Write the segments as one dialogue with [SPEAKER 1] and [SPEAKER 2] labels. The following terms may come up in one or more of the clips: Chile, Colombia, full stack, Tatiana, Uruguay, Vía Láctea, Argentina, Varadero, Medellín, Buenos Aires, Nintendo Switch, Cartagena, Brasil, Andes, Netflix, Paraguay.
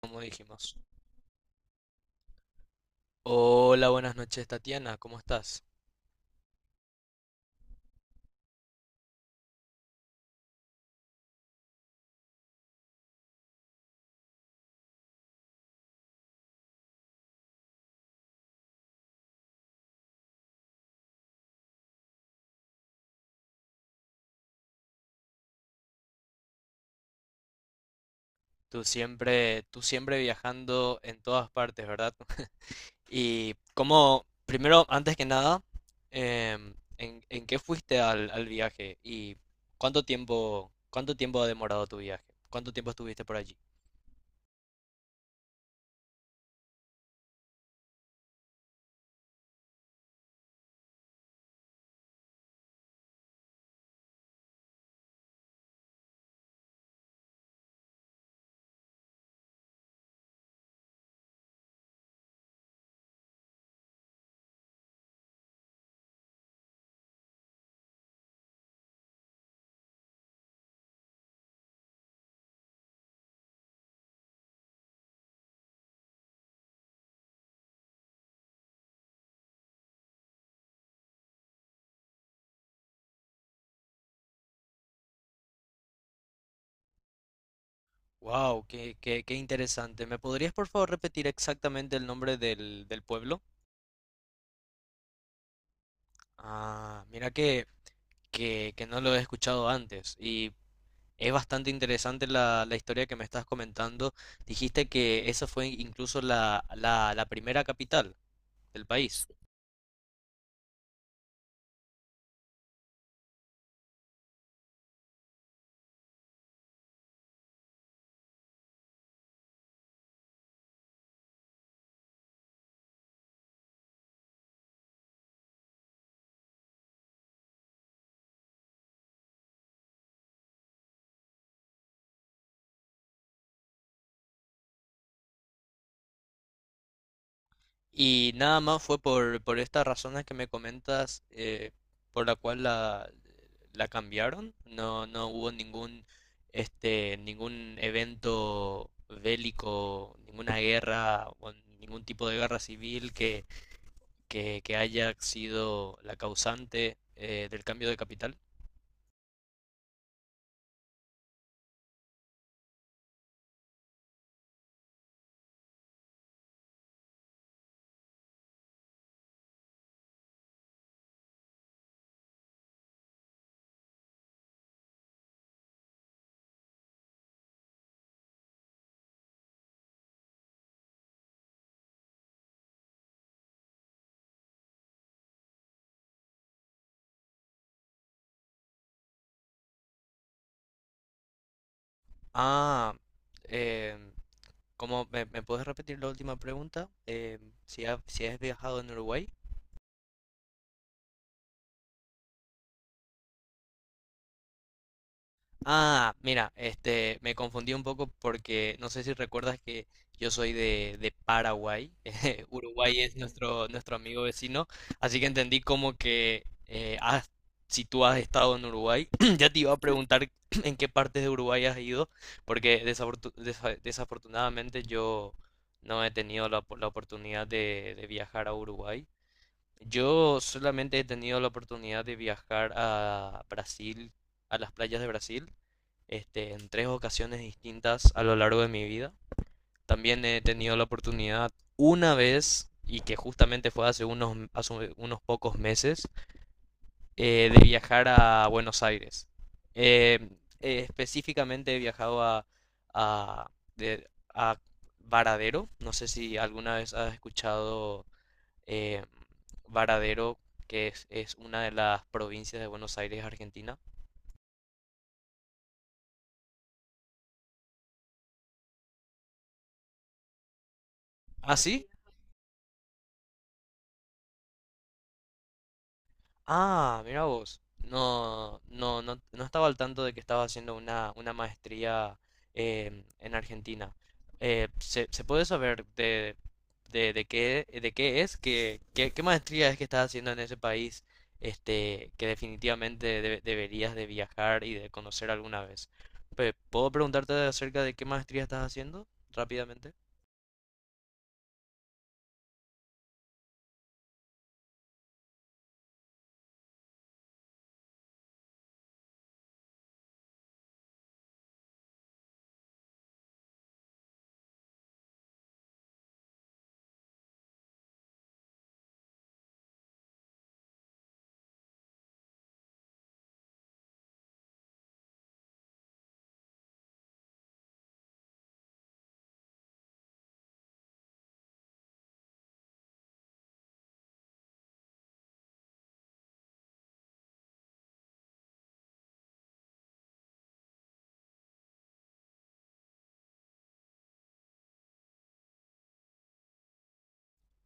[SPEAKER 1] Como dijimos. Hola, buenas noches, Tatiana, ¿cómo estás? Tú siempre viajando en todas partes, ¿verdad? Y cómo, primero, antes que nada, ¿en qué fuiste al viaje? ¿Y cuánto tiempo ha demorado tu viaje? ¿Cuánto tiempo estuviste por allí? Wow, qué interesante. ¿Me podrías por favor repetir exactamente el nombre del pueblo? Ah, mira que no lo he escuchado antes y es bastante interesante la historia que me estás comentando. Dijiste que esa fue incluso la primera capital del país y nada más fue por estas razones que me comentas, por la cual la cambiaron. No hubo ningún, ningún evento bélico, ninguna guerra o ningún tipo de guerra civil que haya sido la causante, ¿del cambio de capital? Ah, eh, ¿cómo me puedes repetir la última pregunta? Si, si has viajado en Uruguay. Ah, mira, este, me confundí un poco porque no sé si recuerdas que yo soy de Paraguay. Uruguay es nuestro amigo vecino, así que entendí como que si tú has estado en Uruguay, ya te iba a sí preguntar en qué partes de Uruguay has ido, porque desafortunadamente yo no he tenido la, la oportunidad de viajar a Uruguay. Yo solamente he tenido la oportunidad de viajar a Brasil, a las playas de Brasil, este, en tres ocasiones distintas a lo largo de mi vida. También he tenido la oportunidad una vez, y que justamente fue hace unos pocos meses, de viajar a Buenos Aires. Eh, Específicamente he viajado a, de- a Varadero. No sé si alguna vez has escuchado, eh, Varadero, que es una de las provincias de Buenos Aires, Argentina. ¿Ah, sí? Ah, mira vos. No estaba al tanto de que estaba haciendo una maestría, en Argentina. Se puede saber de qué es? Qué maestría es que estás haciendo en ese país? Este, que definitivamente deberías de viajar y de conocer alguna vez. ¿Puedo preguntarte acerca de qué maestría estás haciendo rápidamente?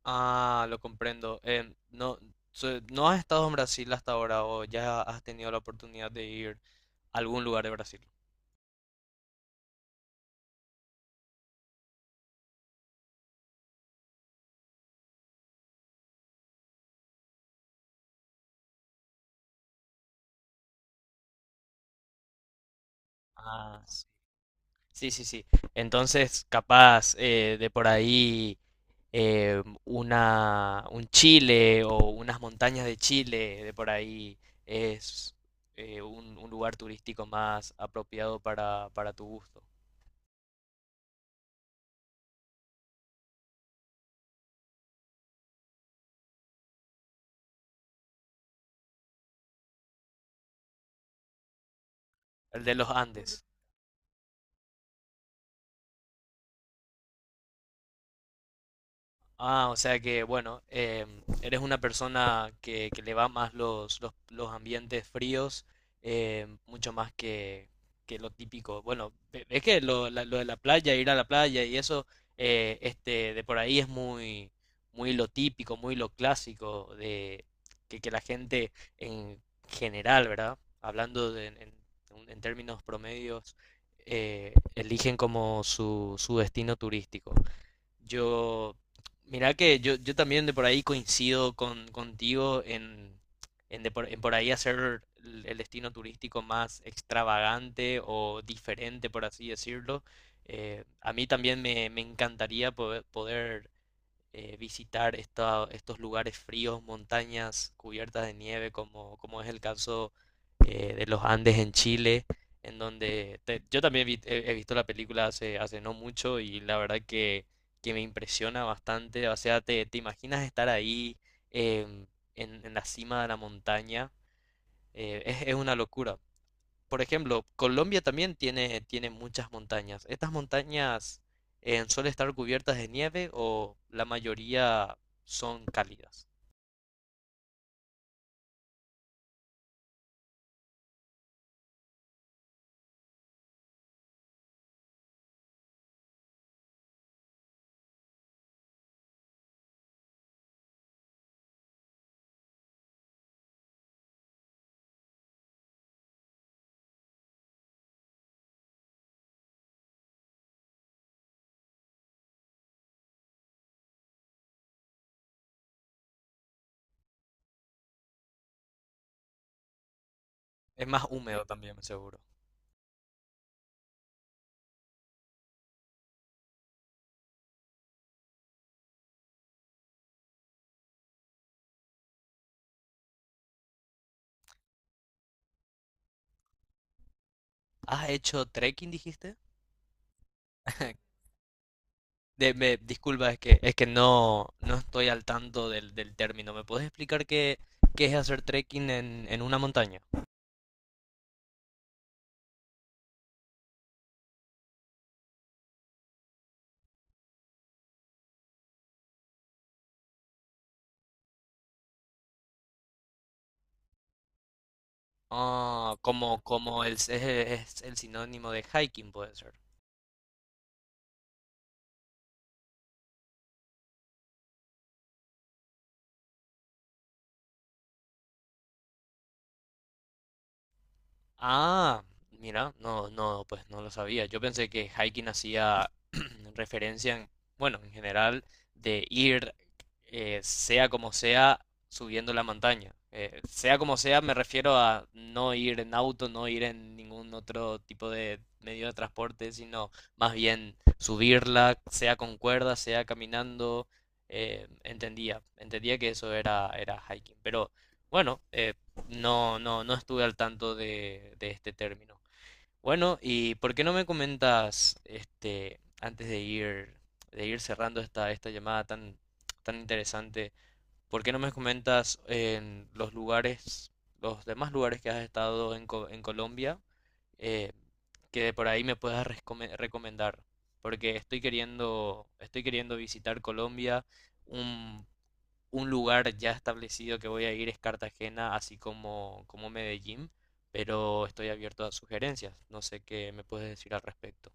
[SPEAKER 1] Ah, lo comprendo. No, ¿no has estado en Brasil hasta ahora o ya has tenido la oportunidad de ir a algún lugar de Brasil? Ah, sí, sí, sí, sí. Entonces, capaz, de por ahí, un Chile o unas montañas de Chile, de por ahí es un lugar turístico más apropiado para tu gusto. El de los Andes. Ah, o sea que, bueno, em, eres una persona que le va más los ambientes fríos, em, mucho más que lo típico. Bueno, ves que lo de la playa, ir a la playa y eso, de por ahí es muy lo típico, muy lo clásico de que la gente en general, ¿verdad? Hablando en términos promedios, eligen como su destino turístico. Yo, mirá que yo también de por ahí coincido con, contigo en, de por, en por ahí hacer el destino turístico más extravagante o diferente, por así decirlo. A mí también me encantaría poder, visitar estos lugares fríos, montañas cubiertas de nieve, como, como es el caso, de los Andes en Chile, en donde yo también he, he visto la película hace, hace no mucho y la verdad que me impresiona bastante. O sea, te imaginas estar ahí, em, en la cima de la montaña, es una locura. Por ejemplo, Colombia también tiene, tiene muchas montañas. ¿Estas montañas, suelen estar cubiertas de nieve o la mayoría son cálidas? Es más húmedo también, seguro. ¿Has hecho trekking, dijiste? Disculpa, es que no, no estoy al tanto del término. ¿Me puedes explicar qué, qué es hacer trekking en una montaña? Ah, como, como el, es el sinónimo de hiking, puede ser. Ah, mira, no, no, pues no lo sabía. Yo pensé que hiking hacía referencia en, bueno, en general de ir, sea como sea, subiendo la montaña. Sea como sea, me refiero a no ir en auto, no ir en ningún otro tipo de medio de transporte, sino más bien subirla, sea con cuerda, sea caminando. Entendía que eso era hiking, pero bueno, no, no, no estuve al tanto de este término. Bueno, ¿y por qué no me comentas, este, antes de ir cerrando esta llamada tan interesante, por qué no me comentas en los lugares, los demás lugares que has estado en, en Colombia, eh, que por ahí me puedas recomendar? Porque estoy queriendo visitar Colombia, un un lugar ya establecido que voy a ir es Cartagena, así como, como Medellín, pero estoy abierto a sugerencias. No sé qué me puedes decir al respecto.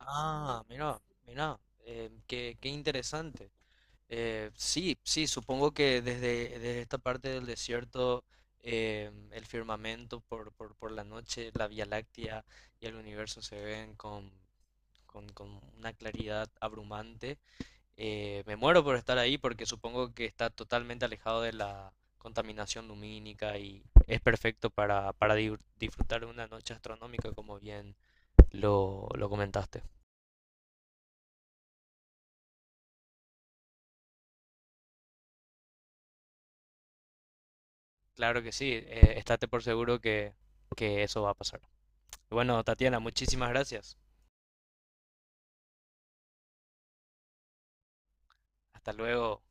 [SPEAKER 1] Ah, mira, mira, qué interesante. Sí, sí, supongo que desde, desde esta parte del desierto, el firmamento por la noche, la Vía Láctea y el universo se ven con una claridad abrumante. Me muero por estar ahí porque supongo que está totalmente alejado de la contaminación lumínica y es perfecto para disfrutar de una noche astronómica, como bien lo comentaste. Claro que sí, estate por seguro que eso va a pasar. Bueno, Tatiana, muchísimas gracias. Hasta luego.